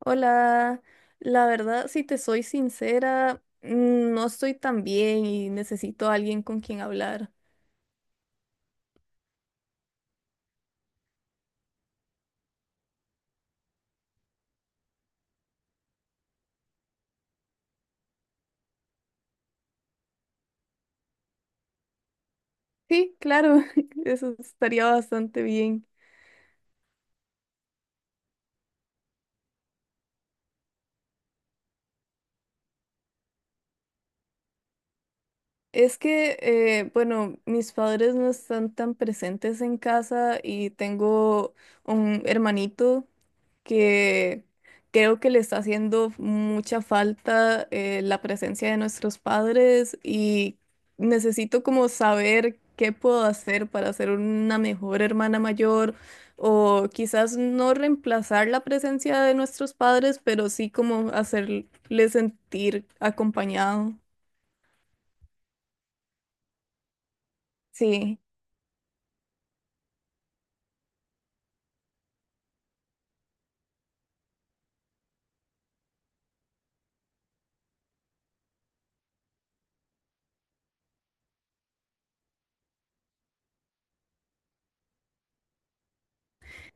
Hola, la verdad, si te soy sincera, no estoy tan bien y necesito a alguien con quien hablar. Sí, claro, eso estaría bastante bien. Es que, bueno, mis padres no están tan presentes en casa y tengo un hermanito que creo que le está haciendo mucha falta, la presencia de nuestros padres, y necesito como saber qué puedo hacer para ser una mejor hermana mayor, o quizás no reemplazar la presencia de nuestros padres, pero sí como hacerle sentir acompañado. Sí.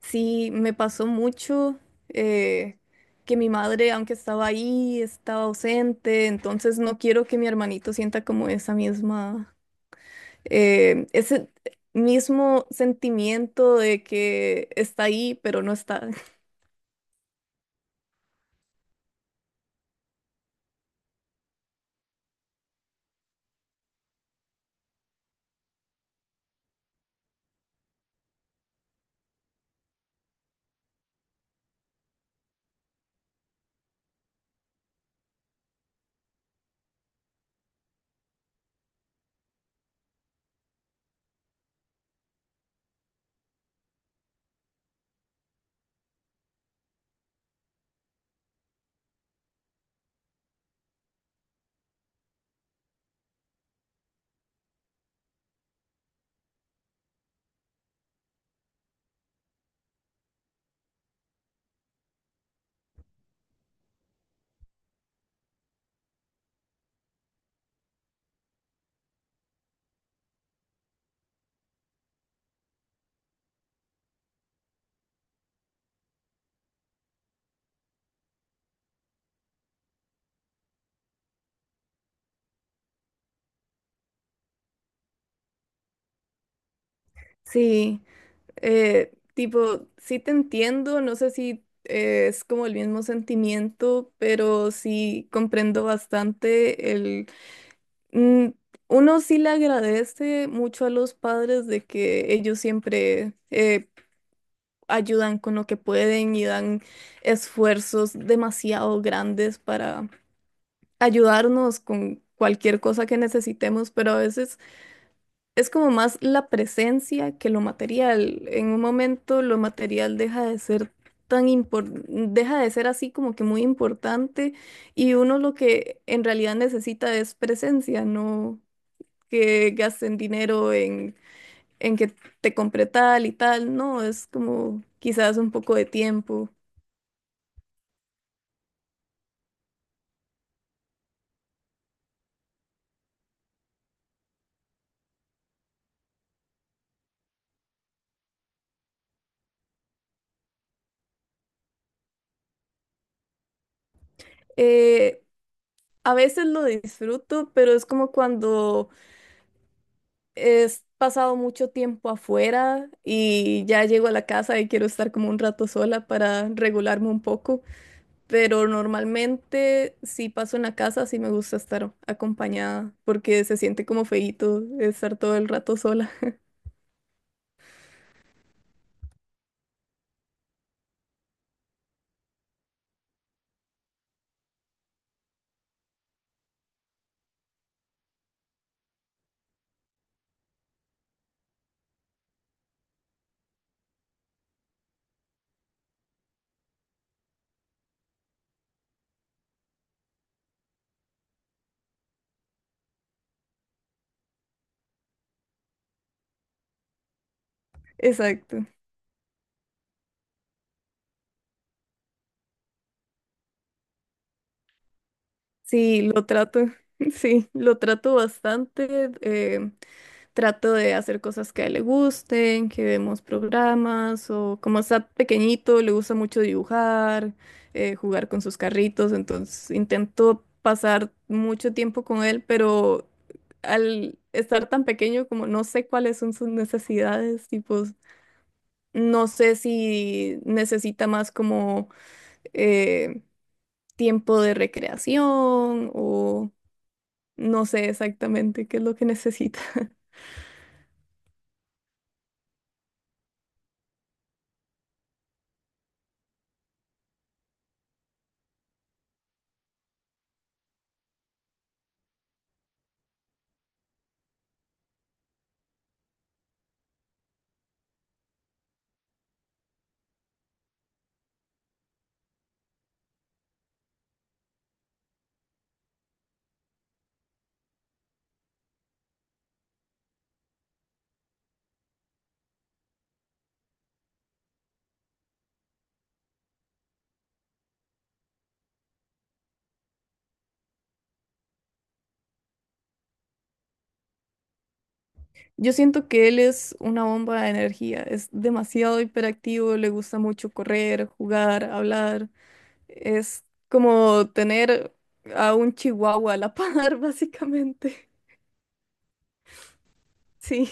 Sí, me pasó mucho, eh, que mi madre, aunque estaba ahí, estaba ausente. Entonces no quiero que mi hermanito sienta como esa misma, ese mismo sentimiento de que está ahí, pero no está. Sí, tipo, sí te entiendo, no sé si, es como el mismo sentimiento, pero sí comprendo bastante. Mm, uno sí le agradece mucho a los padres de que ellos siempre, ayudan con lo que pueden y dan esfuerzos demasiado grandes para ayudarnos con cualquier cosa que necesitemos, pero a veces es como más la presencia que lo material. En un momento lo material deja de ser tan deja de ser así como que muy importante, y uno lo que en realidad necesita es presencia, no que gasten dinero en que te compre tal y tal. No, es como quizás un poco de tiempo. Eh, a veces lo disfruto, pero es como cuando he pasado mucho tiempo afuera y ya llego a la casa y quiero estar como un rato sola para regularme un poco, pero normalmente si paso en la casa sí me gusta estar acompañada porque se siente como feíto estar todo el rato sola. Exacto. Sí, lo trato, sí, lo trato bastante. Trato de hacer cosas que a él le gusten, que vemos programas, o como está pequeñito, le gusta mucho dibujar, jugar con sus carritos. Entonces intento pasar mucho tiempo con él, pero al estar tan pequeño, como no sé cuáles son sus necesidades, tipo, no sé si necesita más como, eh, tiempo de recreación o... No sé exactamente qué es lo que necesita. Yo siento que él es una bomba de energía, es demasiado hiperactivo, le gusta mucho correr, jugar, hablar. Es como tener a un chihuahua a la par, básicamente. Sí,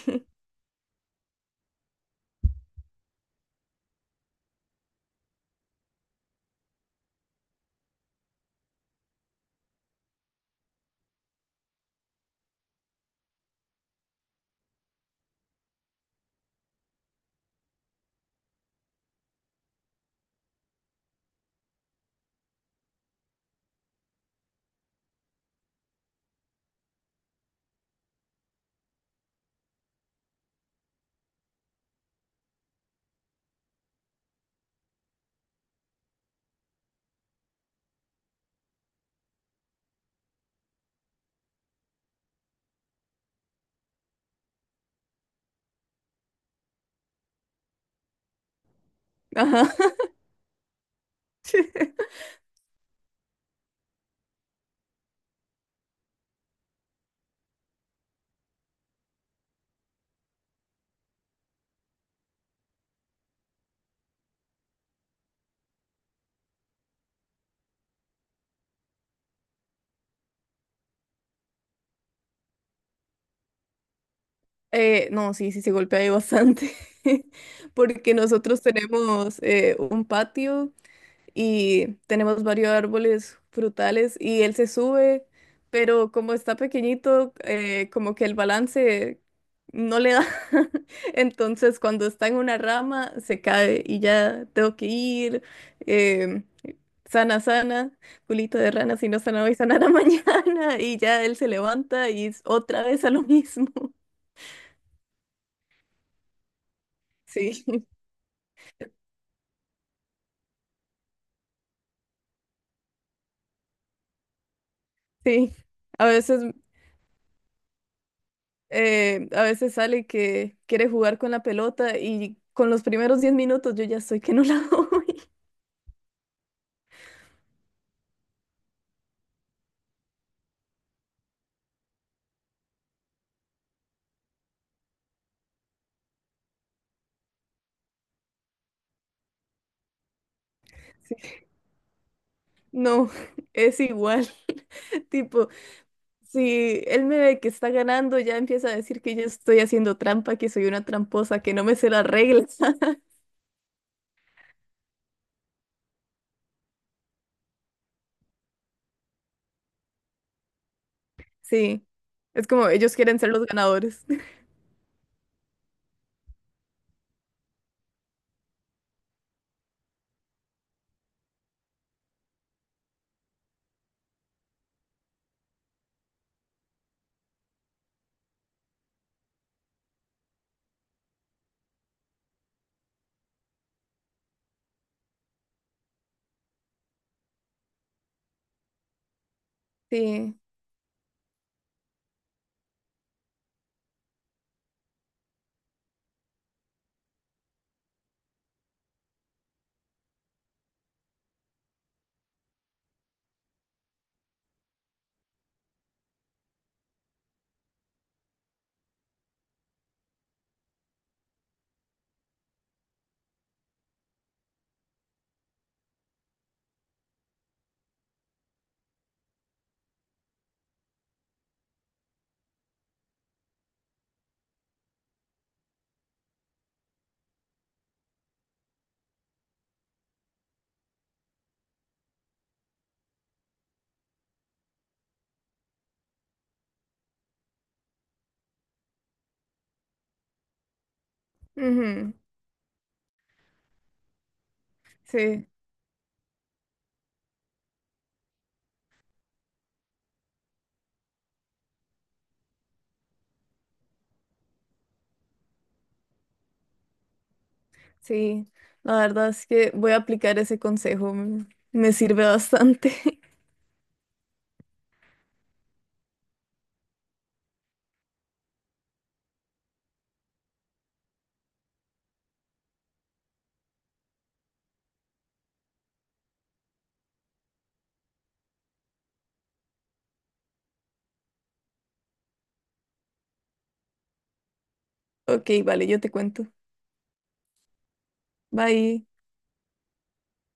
ajá. No, sí, sí, se golpea ahí bastante, porque nosotros tenemos, un patio y tenemos varios árboles frutales y él se sube, pero como está pequeñito, como que el balance no le da. Entonces cuando está en una rama se cae y ya tengo que ir. em, Sana, sana, culito de rana, si no sana hoy, sanará mañana. Y ya él se levanta y es otra vez a lo mismo. Sí, sí. A veces, a veces sale que quiere jugar con la pelota y con los primeros 10 minutos yo ya estoy que no la doy. Sí. No, es igual. Tipo, si él me ve que está ganando, ya empieza a decir que yo estoy haciendo trampa, que soy una tramposa, que no me sé las reglas. Sí, es como ellos quieren ser los ganadores. Sí, ujú, sí, sí. La verdad es que voy a aplicar ese consejo. Me sirve bastante. Ok, vale, yo te cuento. Bye.